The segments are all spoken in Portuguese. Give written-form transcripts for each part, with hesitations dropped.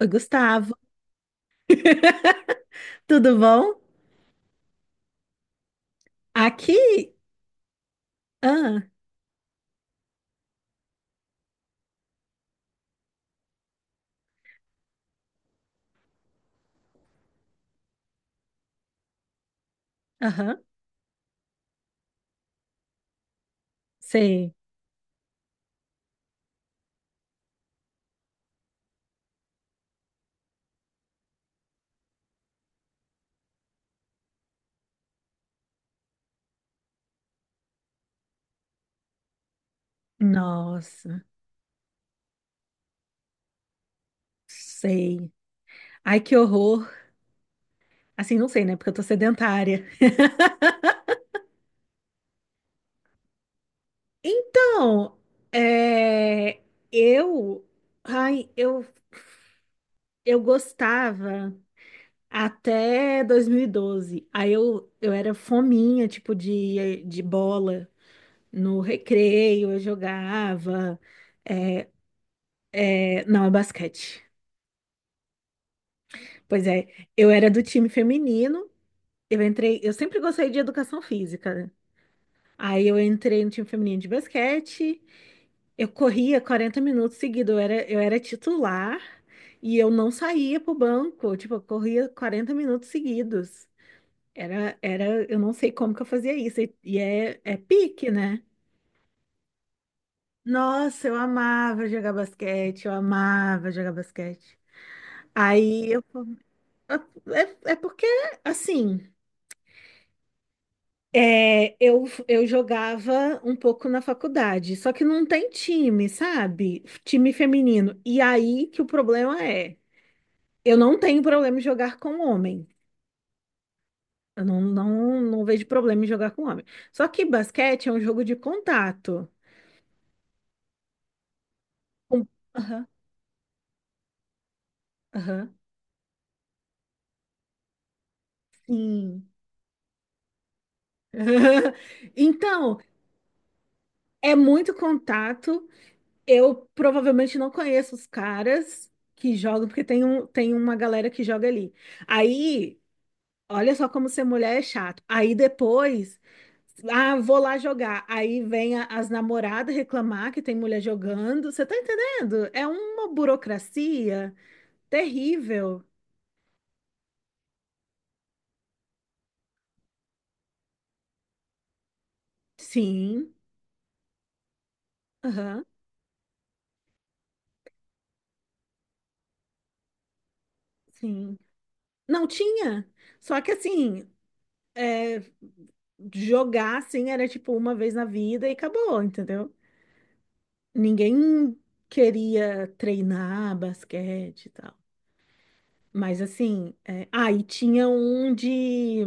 Oi, Gustavo. Tudo bom? Aqui? Ah, aham, sei. Nossa, sei. Ai, que horror. Assim, não sei, né? Porque eu tô sedentária. Então, é, eu, ai, eu, eu gostava até 2012. Aí eu era fominha, tipo, de bola no recreio, eu jogava. É, é, não, é basquete. Pois é, eu era do time feminino, eu entrei, eu sempre gostei de educação física, né? Aí eu entrei no time feminino de basquete, eu corria 40 minutos seguidos, eu era titular e eu não saía pro banco, tipo, eu corria 40 minutos seguidos. Eu não sei como que eu fazia isso, e é pique, né? Nossa, eu amava jogar basquete, eu amava jogar basquete. Aí é porque, assim. Eu jogava um pouco na faculdade, só que não tem time, sabe? Time feminino. E aí que o problema é, eu não tenho problema em jogar com homem. Eu não, não, não vejo problema em jogar com homem. Só que basquete é um jogo de contato. Com- Aham, aham, sim. Então, é muito contato. Eu provavelmente não conheço os caras que jogam, porque tem uma galera que joga ali. Aí. Olha só como ser mulher é chato. Aí depois, ah, vou lá jogar. Aí vem as namoradas reclamar que tem mulher jogando. Você tá entendendo? É uma burocracia terrível. Sim, aham, sim. Não tinha. Só que assim, é, jogar assim era tipo uma vez na vida e acabou, entendeu? Ninguém queria treinar basquete e tal. Mas assim, e tinha um de.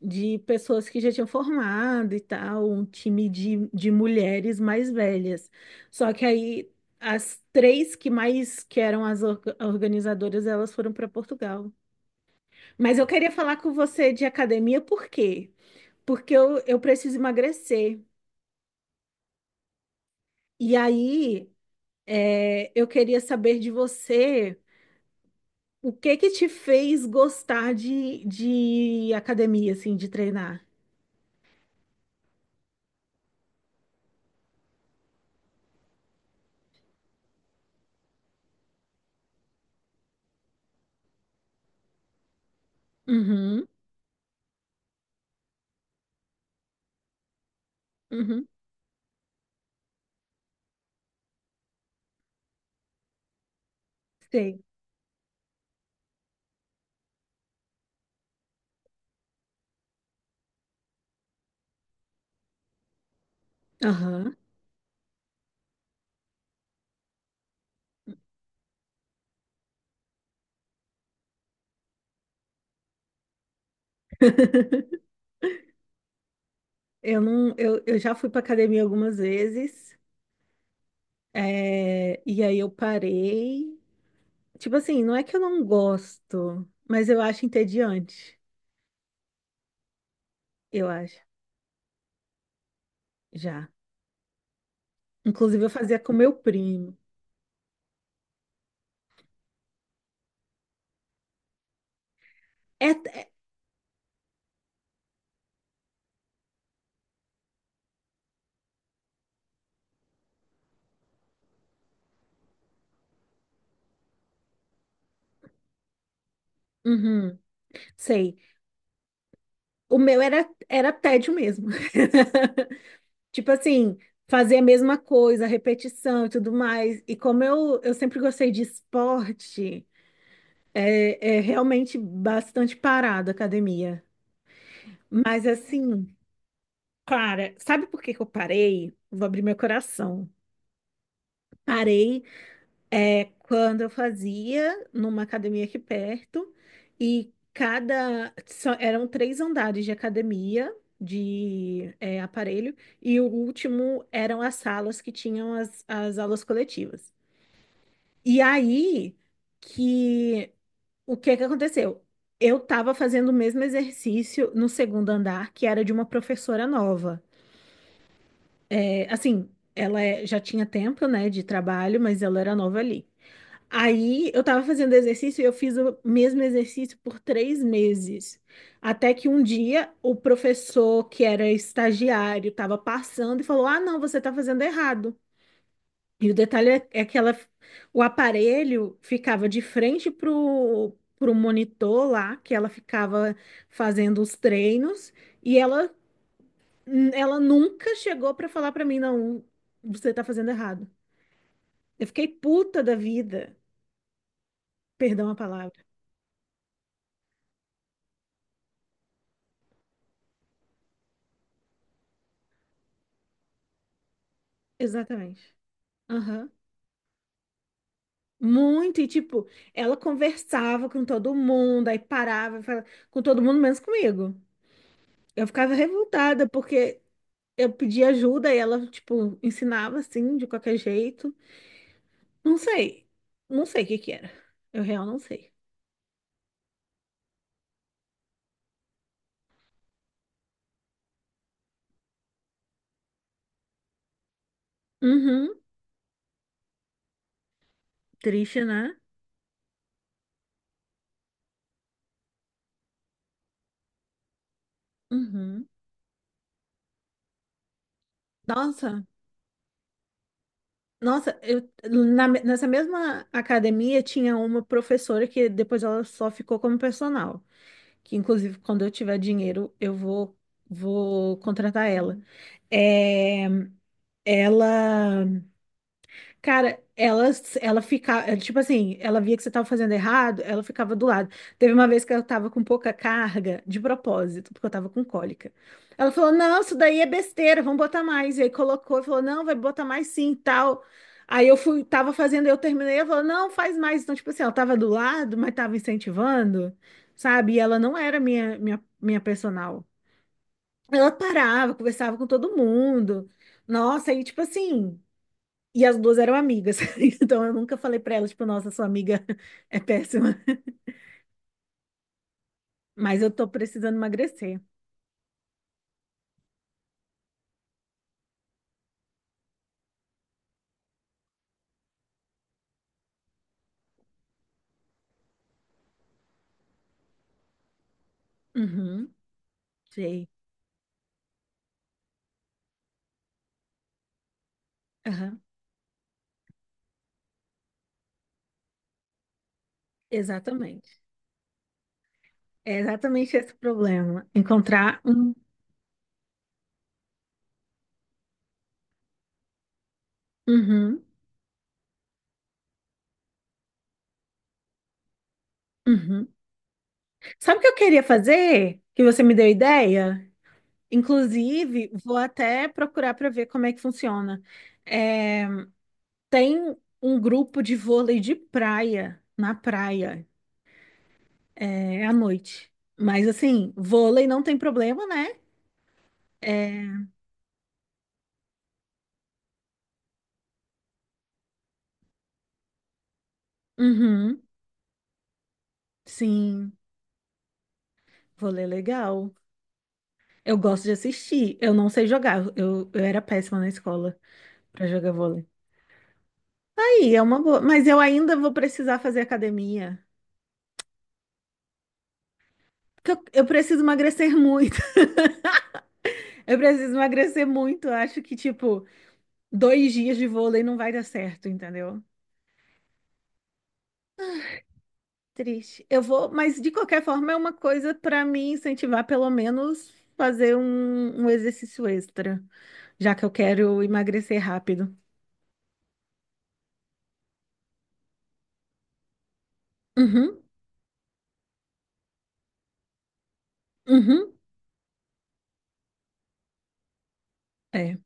de pessoas que já tinham formado e tal, um time de mulheres mais velhas. Só que aí as três que mais que eram as organizadoras, elas foram para Portugal. Mas eu queria falar com você de academia, por quê? Porque eu preciso emagrecer. E aí eu queria saber de você o que que te fez gostar de academia, assim, de treinar. Uhum, uhum, sei. Aham. Eu não, eu já fui pra academia algumas vezes, e aí eu parei. Tipo assim, não é que eu não gosto, mas eu acho entediante. Eu acho, já. Inclusive, eu fazia com meu primo. É, é- uhum, sei. O meu era, era tédio mesmo. Tipo assim, fazer a mesma coisa, repetição e tudo mais. E como eu sempre gostei de esporte, é realmente bastante parado a academia. Mas assim. Cara, sabe por que que eu parei? Vou abrir meu coração. Parei quando eu fazia numa academia aqui perto e eram 3 andares de academia de aparelho e o último eram as salas que tinham as aulas coletivas. E aí que o que que aconteceu? Eu estava fazendo o mesmo exercício no segundo andar, que era de uma professora nova. Assim, já tinha tempo, né, de trabalho, mas ela era nova ali. Aí eu tava fazendo exercício e eu fiz o mesmo exercício por 3 meses. Até que um dia o professor, que era estagiário, tava passando e falou: Ah, não, você tá fazendo errado. E o detalhe é que ela, o aparelho ficava de frente pro, monitor lá, que ela ficava fazendo os treinos, e ela ela nunca chegou pra falar pra mim, não, você tá fazendo errado. Eu fiquei puta da vida. Perdão a palavra. Exatamente. Aham. Muito, e tipo, ela conversava com todo mundo, aí parava, falava com todo mundo, menos comigo. Eu ficava revoltada, porque eu pedia ajuda e ela, tipo, ensinava assim, de qualquer jeito. Não sei. Não sei o que que era. Eu real não sei. Uhum. Triste, né? Uhum. Nossa. Nossa, nessa mesma academia tinha uma professora que depois ela só ficou como personal, que inclusive quando eu tiver dinheiro eu vou contratar ela. É, ela Cara, ela ficava, tipo assim, ela via que você tava fazendo errado, ela ficava do lado. Teve uma vez que eu tava com pouca carga, de propósito, porque eu tava com cólica. Ela falou: Não, isso daí é besteira, vamos botar mais. E aí colocou e falou: Não, vai botar mais sim, tal. Aí eu fui, tava fazendo, eu terminei, ela falou: Não, faz mais. Então, tipo assim, ela tava do lado, mas tava incentivando, sabe? E ela não era minha personal. Ela parava, conversava com todo mundo. Nossa, aí, tipo assim. E as duas eram amigas. Então eu nunca falei pra ela, tipo, nossa, sua amiga é péssima. Mas eu tô precisando emagrecer. Uhum, sei. Aham, exatamente. É exatamente esse o problema. Encontrar um. Uhum, uhum. Sabe o que eu queria fazer? Que você me deu ideia? Inclusive, vou até procurar para ver como é que funciona. É, Tem um grupo de vôlei de praia, na praia. É à noite. Mas assim, vôlei não tem problema, né? É, Uhum, sim, vôlei é legal. Eu gosto de assistir. Eu não sei jogar. Eu era péssima na escola pra jogar vôlei. Aí, é uma boa. Mas eu ainda vou precisar fazer academia. Porque eu preciso emagrecer muito. Eu preciso emagrecer muito. Eu acho que, tipo, 2 dias de vôlei não vai dar certo, entendeu? Triste. Eu vou, mas de qualquer forma é uma coisa pra me incentivar, pelo menos, fazer um exercício extra. Já que eu quero emagrecer rápido. Uhum, uhum, é.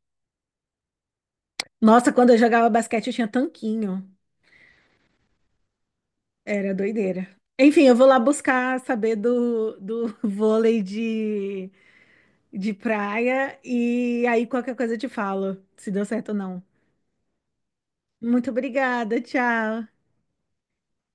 Nossa, quando eu jogava basquete eu tinha tanquinho. Era doideira. Enfim, eu vou lá buscar saber do, do vôlei de praia e aí qualquer coisa eu te falo, se deu certo ou não. Muito obrigada, tchau.